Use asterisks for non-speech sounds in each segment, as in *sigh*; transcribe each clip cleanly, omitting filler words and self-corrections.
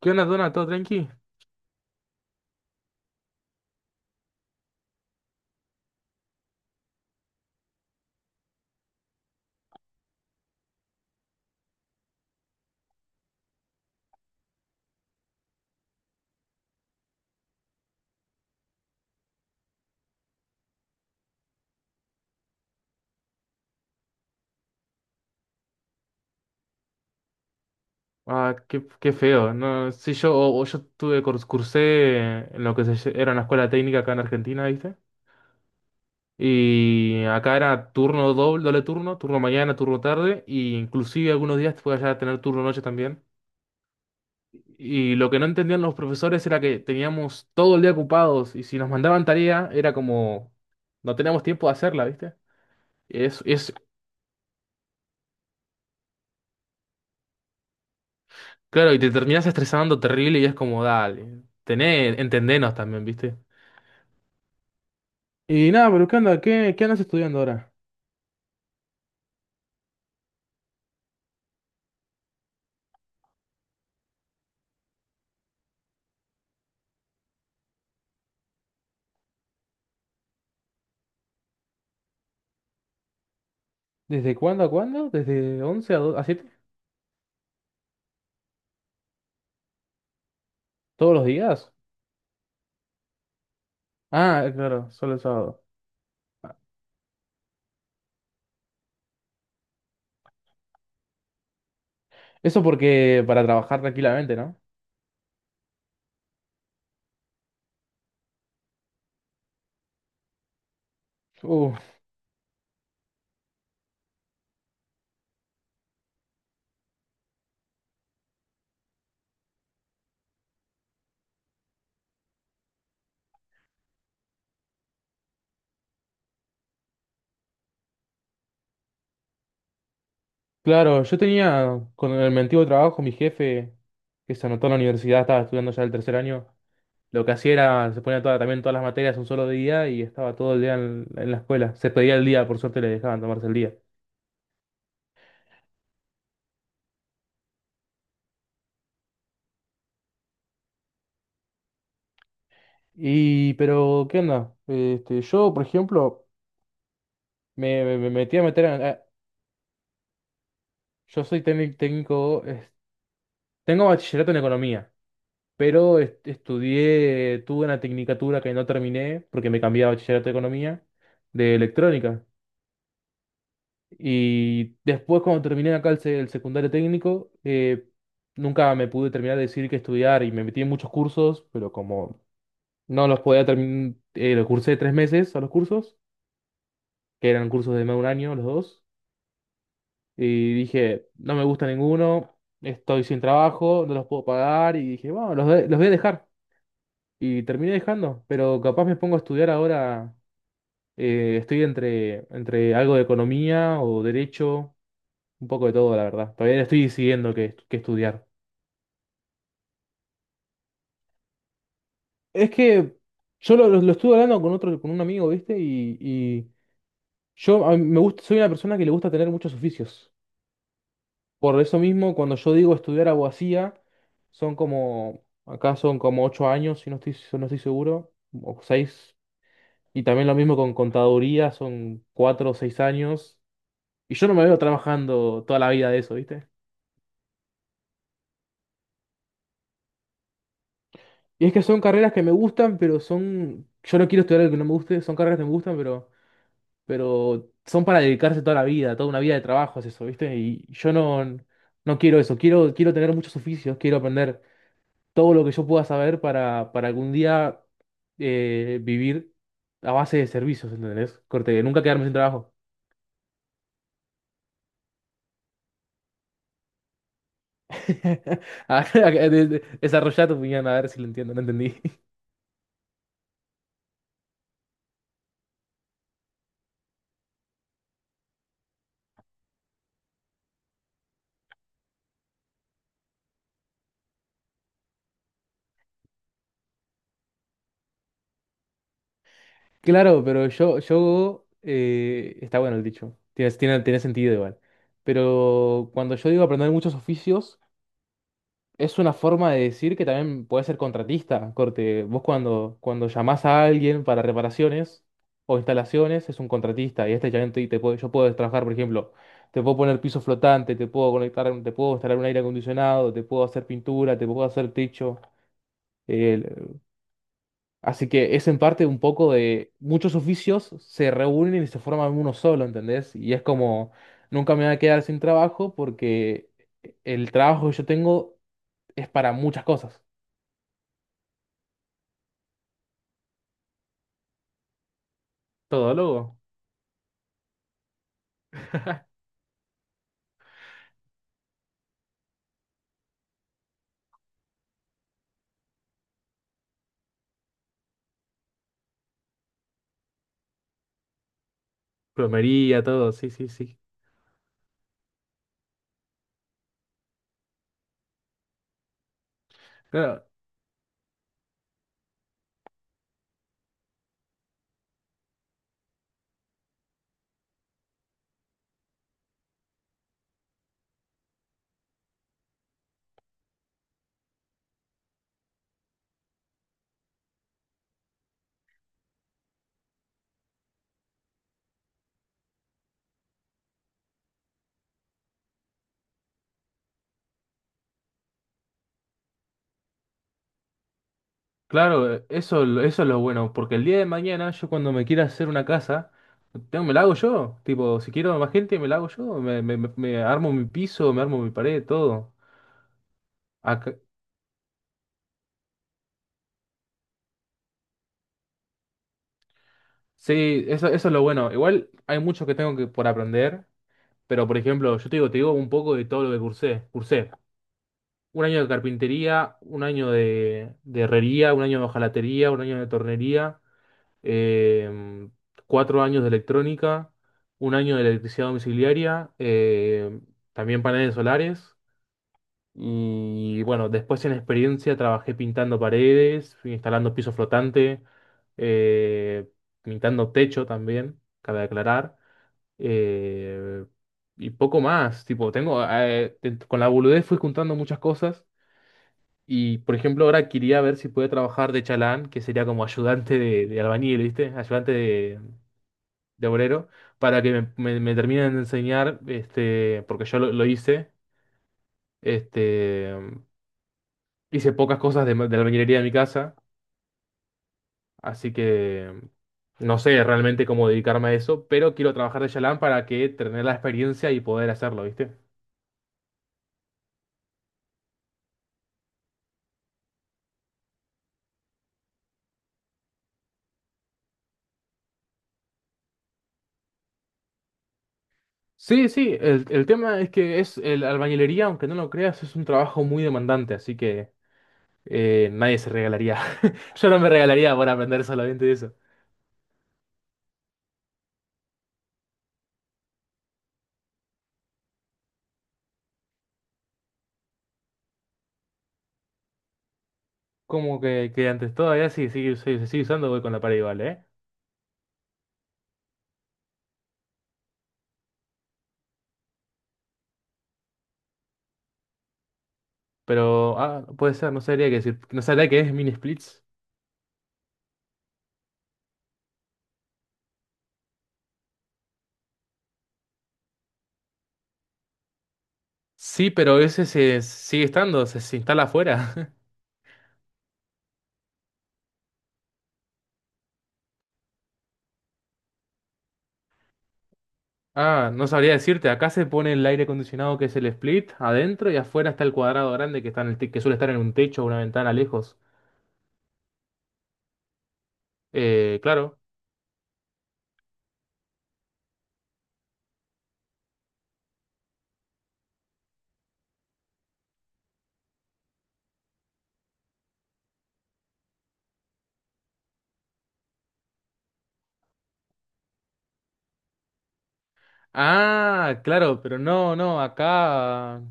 ¿Qué onda, Dona? ¿Todo tranqui? Ah, qué feo. No, sí, yo, o yo tuve cursé en lo que se, lle- era una escuela técnica acá en Argentina, ¿viste? Y acá era turno doble, doble turno, turno mañana, turno tarde, y inclusive algunos días te podías llegar a tener turno noche también. Y lo que no entendían los profesores era que teníamos todo el día ocupados, y si nos mandaban tarea, era como no teníamos tiempo de hacerla, ¿viste? Es, es, claro, y te terminas estresando terrible y es como, dale, tené, entendenos también, ¿viste? Y nada, pero ¿qué onda? ¿Qué andas estudiando ahora? ¿Desde cuándo a cuándo? ¿Desde 11 a 7? ¿Todos los días? Ah, claro, solo el sábado. Eso porque para trabajar tranquilamente, ¿no? Uh, claro, yo tenía con el mi antiguo trabajo, mi jefe, que se anotó en la universidad, estaba estudiando ya el tercer año. Lo que hacía era, se ponía toda, también todas las materias un solo día y estaba todo el día en la escuela. Se pedía el día, por suerte le dejaban tomarse el día. Y, pero, ¿qué onda? Este, yo, por ejemplo, me metí a meter a. Yo soy técnico, tengo bachillerato en economía, pero estudié, tuve una tecnicatura que no terminé porque me cambié a bachillerato de economía de electrónica. Y después cuando terminé acá el secundario técnico, nunca me pude terminar de decir qué estudiar y me metí en muchos cursos, pero como no los podía terminar, los cursé 3 meses a los cursos, que eran cursos de más de un año los dos. Y dije, no me gusta ninguno, estoy sin trabajo, no los puedo pagar. Y dije, bueno, los voy a dejar. Y terminé dejando, pero capaz me pongo a estudiar ahora. Estoy entre algo de economía o derecho, un poco de todo, la verdad. Todavía estoy decidiendo qué estudiar. Es que yo lo estuve hablando con otro, con un amigo, ¿viste? Y yo a mí me gusta, soy una persona que le gusta tener muchos oficios. Por eso mismo, cuando yo digo estudiar abogacía, acá son como 8 años, si no estoy seguro, o 6, y también lo mismo con contaduría, son 4 o 6 años, y yo no me veo trabajando toda la vida de eso, ¿viste? Y es que son carreras que me gustan, pero son, yo no quiero estudiar algo que no me guste, son carreras que me gustan, pero son para dedicarse toda la vida, toda una vida de trabajo es eso, ¿viste? Y yo no, no quiero eso, quiero tener muchos oficios, quiero aprender todo lo que yo pueda saber para algún día vivir a base de servicios, ¿entendés? Corte, nunca quedarme sin trabajo. *laughs* Desarrollá tu opinión, a ver si lo entiendo, no entendí. *laughs* Claro, pero está bueno el dicho, tiene sentido igual. Pero cuando yo digo aprender muchos oficios, es una forma de decir que también puede ser contratista, corte. Vos cuando llamás a alguien para reparaciones o instalaciones, es un contratista. Y este ya yo puedo trabajar, por ejemplo, te puedo poner piso flotante, te puedo conectar, te puedo instalar un aire acondicionado, te puedo hacer pintura, te puedo hacer techo. el- Así que es en parte un poco de muchos oficios se reúnen y se forman uno solo, ¿entendés? Y es como, nunca me voy a quedar sin trabajo porque el trabajo que yo tengo es para muchas cosas. Todólogo, plomería, todo, sí, sí, sí. Claro, claro, eso, eso es lo bueno, porque el día de mañana yo cuando me quiera hacer una casa, tengo, me la hago yo, tipo, si quiero más gente, me la hago yo, me armo mi piso, me armo mi pared, todo. Acá- sí, eso es lo bueno. Igual hay mucho que tengo que por aprender, pero por ejemplo, yo te digo un poco de todo lo que cursé. Cursé un año de carpintería, un año de herrería, un año de hojalatería, un año de tornería. em, 4 años de electrónica, un año de electricidad domiciliaria, también paneles solares. Y bueno, después en experiencia trabajé pintando paredes, fui instalando piso flotante, eh, pintando techo también, cabe aclarar. eh, y poco más, tipo, tengo, con la boludez fui juntando muchas cosas. Y por ejemplo, ahora quería ver si puede trabajar de chalán, que sería como ayudante de albañil, ¿viste? Ayudante de obrero para que me terminen de enseñar, este, porque yo lo hice, este, hice pocas cosas de la albañilería de mi casa, así que no sé realmente cómo dedicarme a eso, pero quiero trabajar de chalán para que tener la experiencia y poder hacerlo, ¿viste? Sí, sí, el tema es que es el albañilería, aunque no lo creas, es un trabajo muy demandante, así que nadie se regalaría. *laughs* Yo no me regalaría por aprender solamente eso. Como que antes todavía sí, sí, sí, se sigue usando, voy con la pared igual, ¿eh? Pero, ah, no puede ser, no sabría qué decir. No sabría qué es Mini Splits. Sí, pero ese se sigue estando, se instala afuera. *laughs* Ah, no sabría decirte. Acá se pone el aire acondicionado que es el split adentro y afuera está el cuadrado grande que está en el que suele estar en un techo o una ventana lejos. Claro. Ah, claro, pero no, no, acá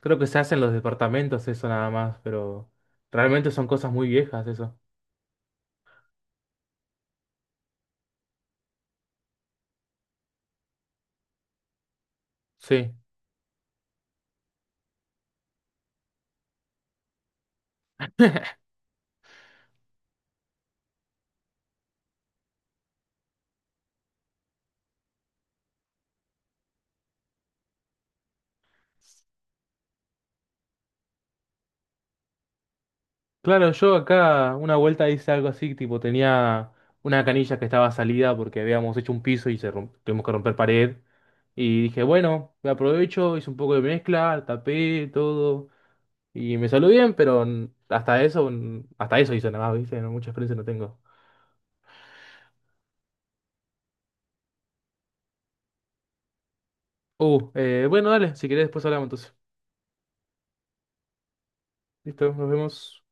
creo que se hacen los departamentos eso nada más, pero realmente son cosas muy viejas eso. Sí. Claro, yo acá una vuelta hice algo así, tipo tenía una canilla que estaba salida porque habíamos hecho un piso y tuvimos que romper pared. Y dije, bueno, me aprovecho, hice un poco de mezcla, tapé todo. Y me salió bien, pero hasta eso hice nada más, ¿viste? No, mucha experiencia no tengo. Bueno, dale, si querés después hablamos entonces. Listo, nos vemos.